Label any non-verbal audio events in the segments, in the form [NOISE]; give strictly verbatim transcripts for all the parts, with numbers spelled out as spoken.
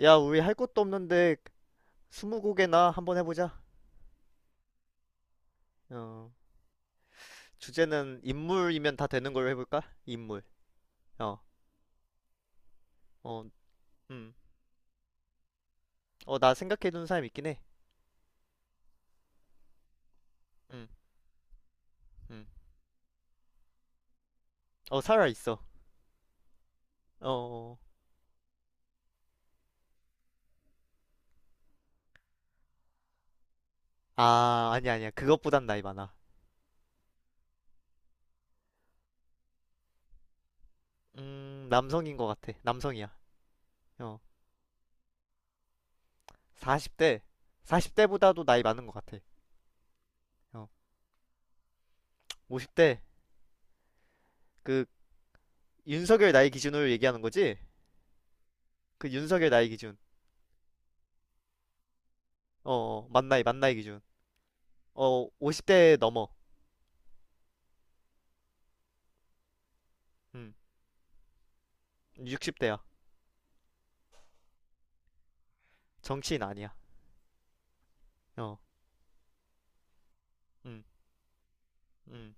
야, 우리 할 것도 없는데 스무고개나 한번 해보자. 어, 주제는 인물이면 다 되는 걸로 해볼까? 인물. 어, 어, 음. 어, 나 생각해둔 사람 있긴 해. 음, 음. 어, 살아 있어. 어, 어. 아, 아니야, 아니야. 그것보단 나이 많아. 음, 남성인 것 같아. 남성이야. 어, 사십 대. 사십 대보다도 나이 많은 것 같아. 어, 오십 대. 그 윤석열 나이 기준으로 얘기하는 거지? 그 윤석열 나이 기준. 어, 어, 만 나이, 만 나이 기준. 어, 오십 대 넘어. 음. 육십 대야. 정치인 아니야. 어, 음, 음.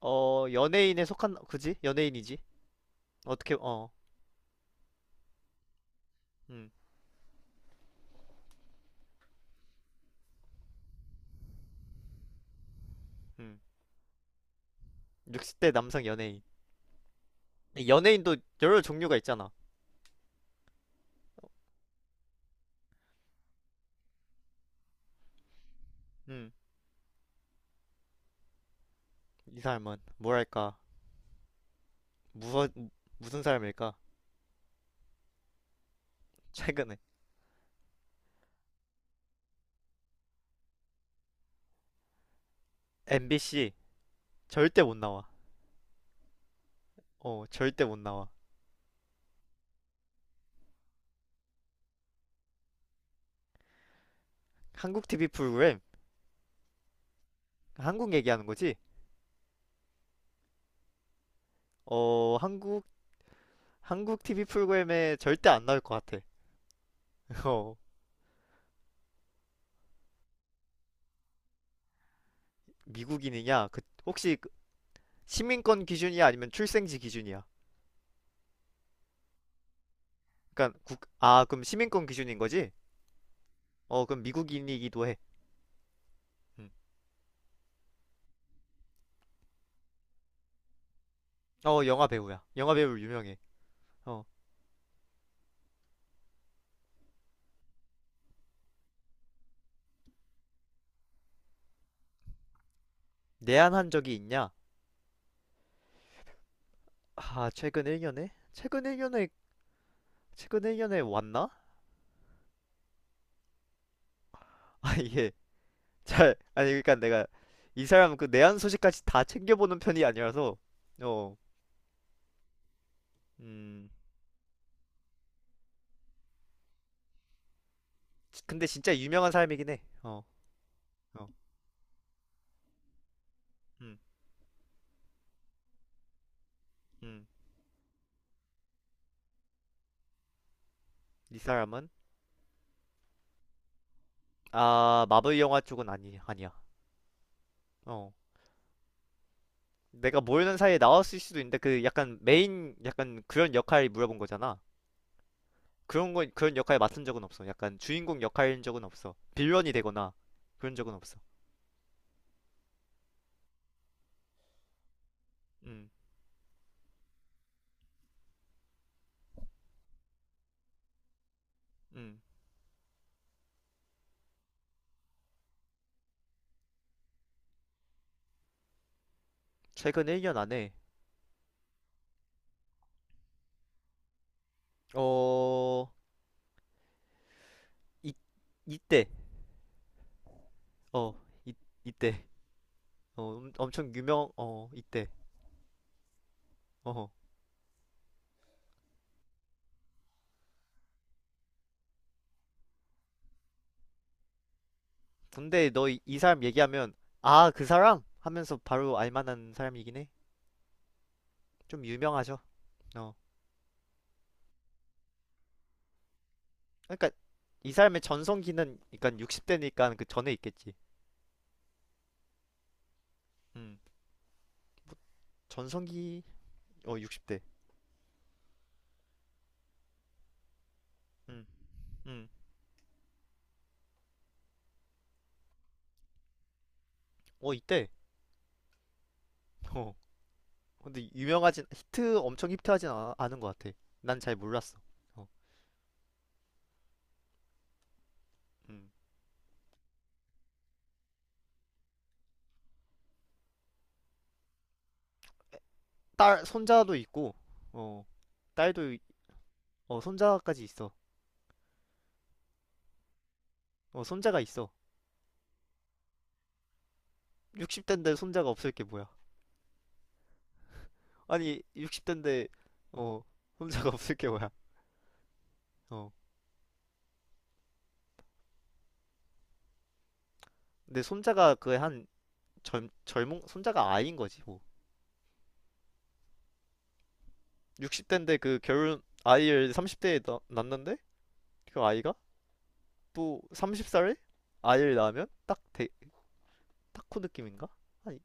어, 연예인에 속한, 그지? 연예인이지. 어떻게, 어, 음, 음. 육십 대 남성 연예인. 연예인도 여러 종류가 있잖아. 음, 이 사람은, 뭐랄까, 무서, 무슨 사람일까? 최근에. 엠비씨, 절대 못 나와. 어, 절대 못 나와. 한국 티비 프로그램, 한국 얘기하는 거지? 어, 한국, 한국 티비 프로그램에 절대 안 나올 것 같아. [LAUGHS] 어, 미국인이냐? 그, 혹시 시민권 기준이야 아니면 출생지 기준이야? 그러니까 국, 아, 그럼 시민권 기준인 거지? 어, 그럼 미국인이기도 해. 응. 어, 영화 배우야. 영화 배우 유명해. 어, 내한한 적이 있냐? 아, 최근 일 년에? 최근 일 년에 최근 일 년에 왔나? 아, 이게 잘 아니 그러니까 내가 이 사람 그 내한 소식까지 다 챙겨보는 편이 아니라서 어, 음, 근데 진짜 유명한 사람이긴 해. 어, 어, 음, 음, 이 사람은 아 마블 영화 쪽은 아니 아니야. 어. 내가 모르는 사이에 나왔을 수도 있는데 그 약간 메인 약간 그런 역할을 물어본 거잖아. 그런 거 그런 역할 에 맡은 적은 없어. 약간 주인공 역할인 적은 없어. 빌런이 되거나 그런 적은 없어. 음, 음. 최근 일 년 안에 어 이, 이때 어 이, 이때 어 엄- 엄청 유명 어 이때 어 어. 근데 너 이 사람 얘기하면 아 그 사람 하면서 바로 알 만한 사람이긴 해. 좀 유명하죠. 어 그러니까 이 사람의 전성기는 그러니까 육십 대니까 그 전에 있겠지. 음. 전성기 어 육십 대. 음. 음. 어 이때. 어. 근데 유명하진 히트 엄청 히트하진 아, 않은 것 같아. 난 잘 몰랐어. 어. 음. 딸 손자도 있고 어. 딸도 이- 어 손자까지 있어. 어 손자가 있어. 육십 대인데 손자가 없을 게 뭐야? 아니 육십 대인데 어 손자가 [LAUGHS] 없을 게 뭐야? 어. 근데 손자가 그 한 젊 젊은 손자가 아이인 거지 뭐. 육십 대인데 그 결혼 아이를 삼십 대에 낳는데 그 아이가 또 서른 살에 아이를 낳으면 딱 대, 딱그 느낌인가? 아니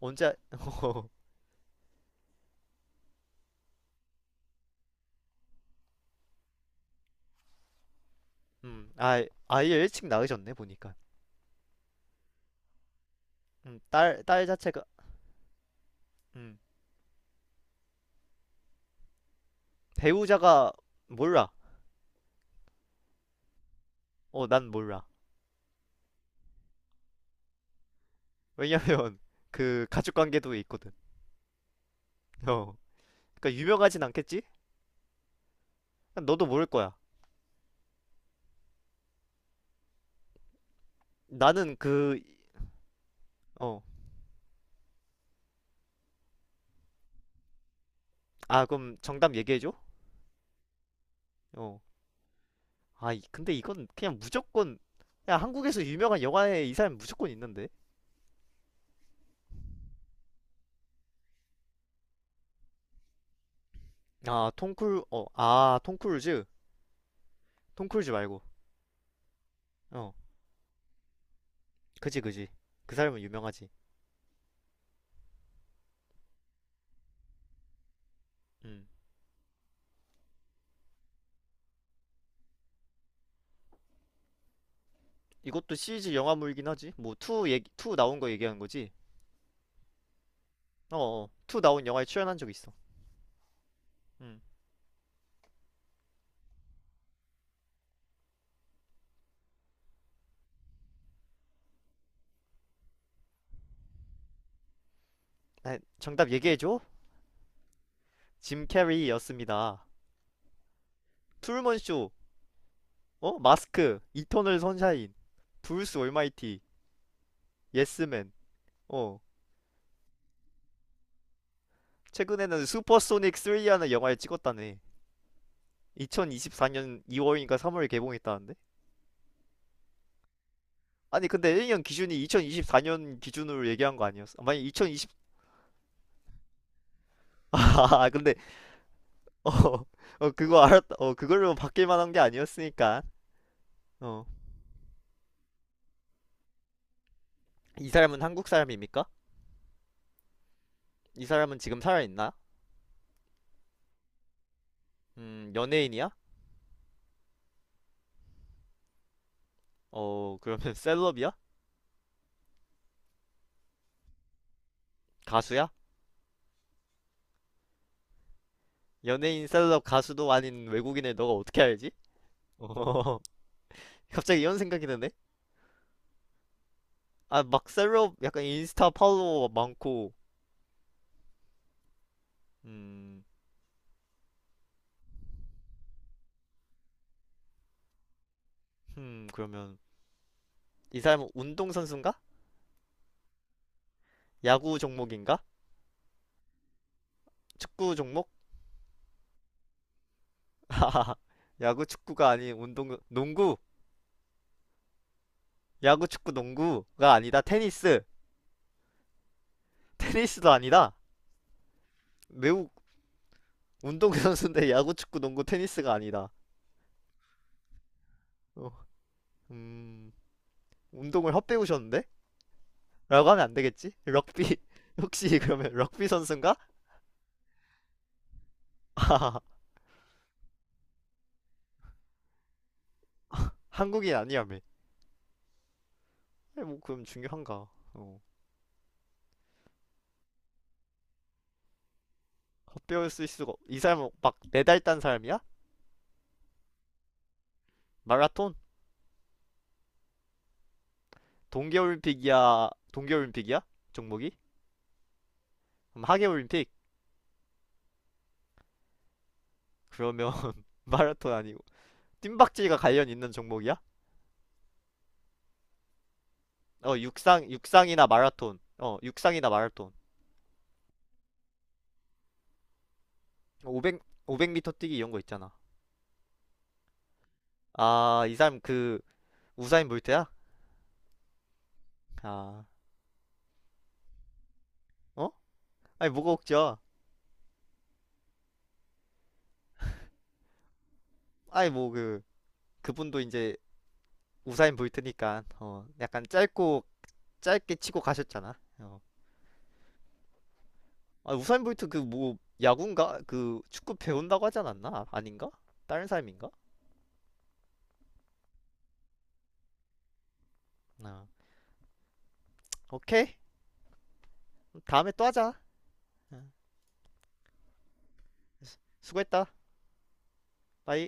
언제 [LAUGHS] 아- 음, 아 아이를 일찍 낳으셨네 보니까 음, 딸, 딸 자체가 음, 배우자가 몰라 어 난 몰라 왜냐면 [LAUGHS] 그 가족 관계도 있거든 어 그러니까 유명하진 않겠지? 너도 모를 거야 나는 그 어 아 그럼 정답 얘기해줘 어 아, 이- 근데 이건 그냥 무조건 야, 한국에서 유명한 영화에 이 사람 무조건 있는데. 아, 톰쿨 어, 아, 톰크루즈. 톰크루즈 말고. 어. 그지 그지. 그 사람은 유명하지. 음. 이것도 시리즈 영화물이긴 하지. 뭐 투 얘기 투 나온 거 얘기하는 거지. 어, 어. 투 나온 영화에 출연한 적 있어. 음. 아, 정답 얘기해 줘. 짐 캐리였습니다. 트루먼 쇼. 어? 마스크. 이터널 선샤인. 브루스 올마이티. 예스맨. 어. 최근에는 슈퍼소닉 삼이라는 영화를 찍었다네. 이천이십사 년 이 월인가 삼 월에 개봉했다는데? 아니 근데 일년 기준이 이천이십사 년 기준으로 얘기한 거 아니었어? 만약 이천이십 [LAUGHS] 아 근데 어, 어 그거 알았다 어 그걸로 바뀔 만한 게 아니었으니까 어 이 사람은 한국 사람입니까? 이 사람은 지금 살아있나? 음 연예인이야? 어 그러면 [LAUGHS] 셀럽이야? 가수야? 연예인 셀럽 가수도 아닌 외국인을 너가 어떻게 알지? 어 [LAUGHS] 갑자기 이런 생각이 드네? 아 막 셀럽 약간 인스타 팔로워 많고 음 음, 그러면 이 사람은 운동 선수인가? 야구 종목인가? 축구 종목? 야구 축구가 아닌 운동 농구. 야구 축구 농구가 아니다. 테니스. 테니스도 아니다. 매우 운동 선수인데 야구 축구 농구 테니스가 아니다. 어, 음, 운동을 헛배우셨는데? 라고 하면 안 되겠지? 럭비 [LAUGHS] 혹시 그러면 럭비 선수인가? [LAUGHS] 한국인 아니야매. 뭐 그럼 중요한가? 어, 헛배울 수 있을 수가 이 사람은 막 메달 딴 사람이야? 마라톤? 동계올림픽이야 동계올림픽이야? 종목이? 그럼 하계올림픽? 그러면 [LAUGHS] 마라톤 아니고 뜀박질과 관련 있는 종목이야? 어 육상 육상이나 마라톤 어 육상이나 마라톤 오백 오백 미터 뛰기 이런 거 있잖아 아 이 사람 그 우사인 볼트야? 아 어? 아니 뭐가 웃겨 아니 뭐 그 그분도 이제 우사인 볼트니까 어 약간 짧고 짧게 치고 가셨잖아 어 아, 우사인 볼트 그 뭐 야구인가? 그 축구 배운다고 하지 않았나? 아, 아닌가? 다른 사람인가? 아. 오케이. 다음에 또 하자. 응. 수고했다. 바이.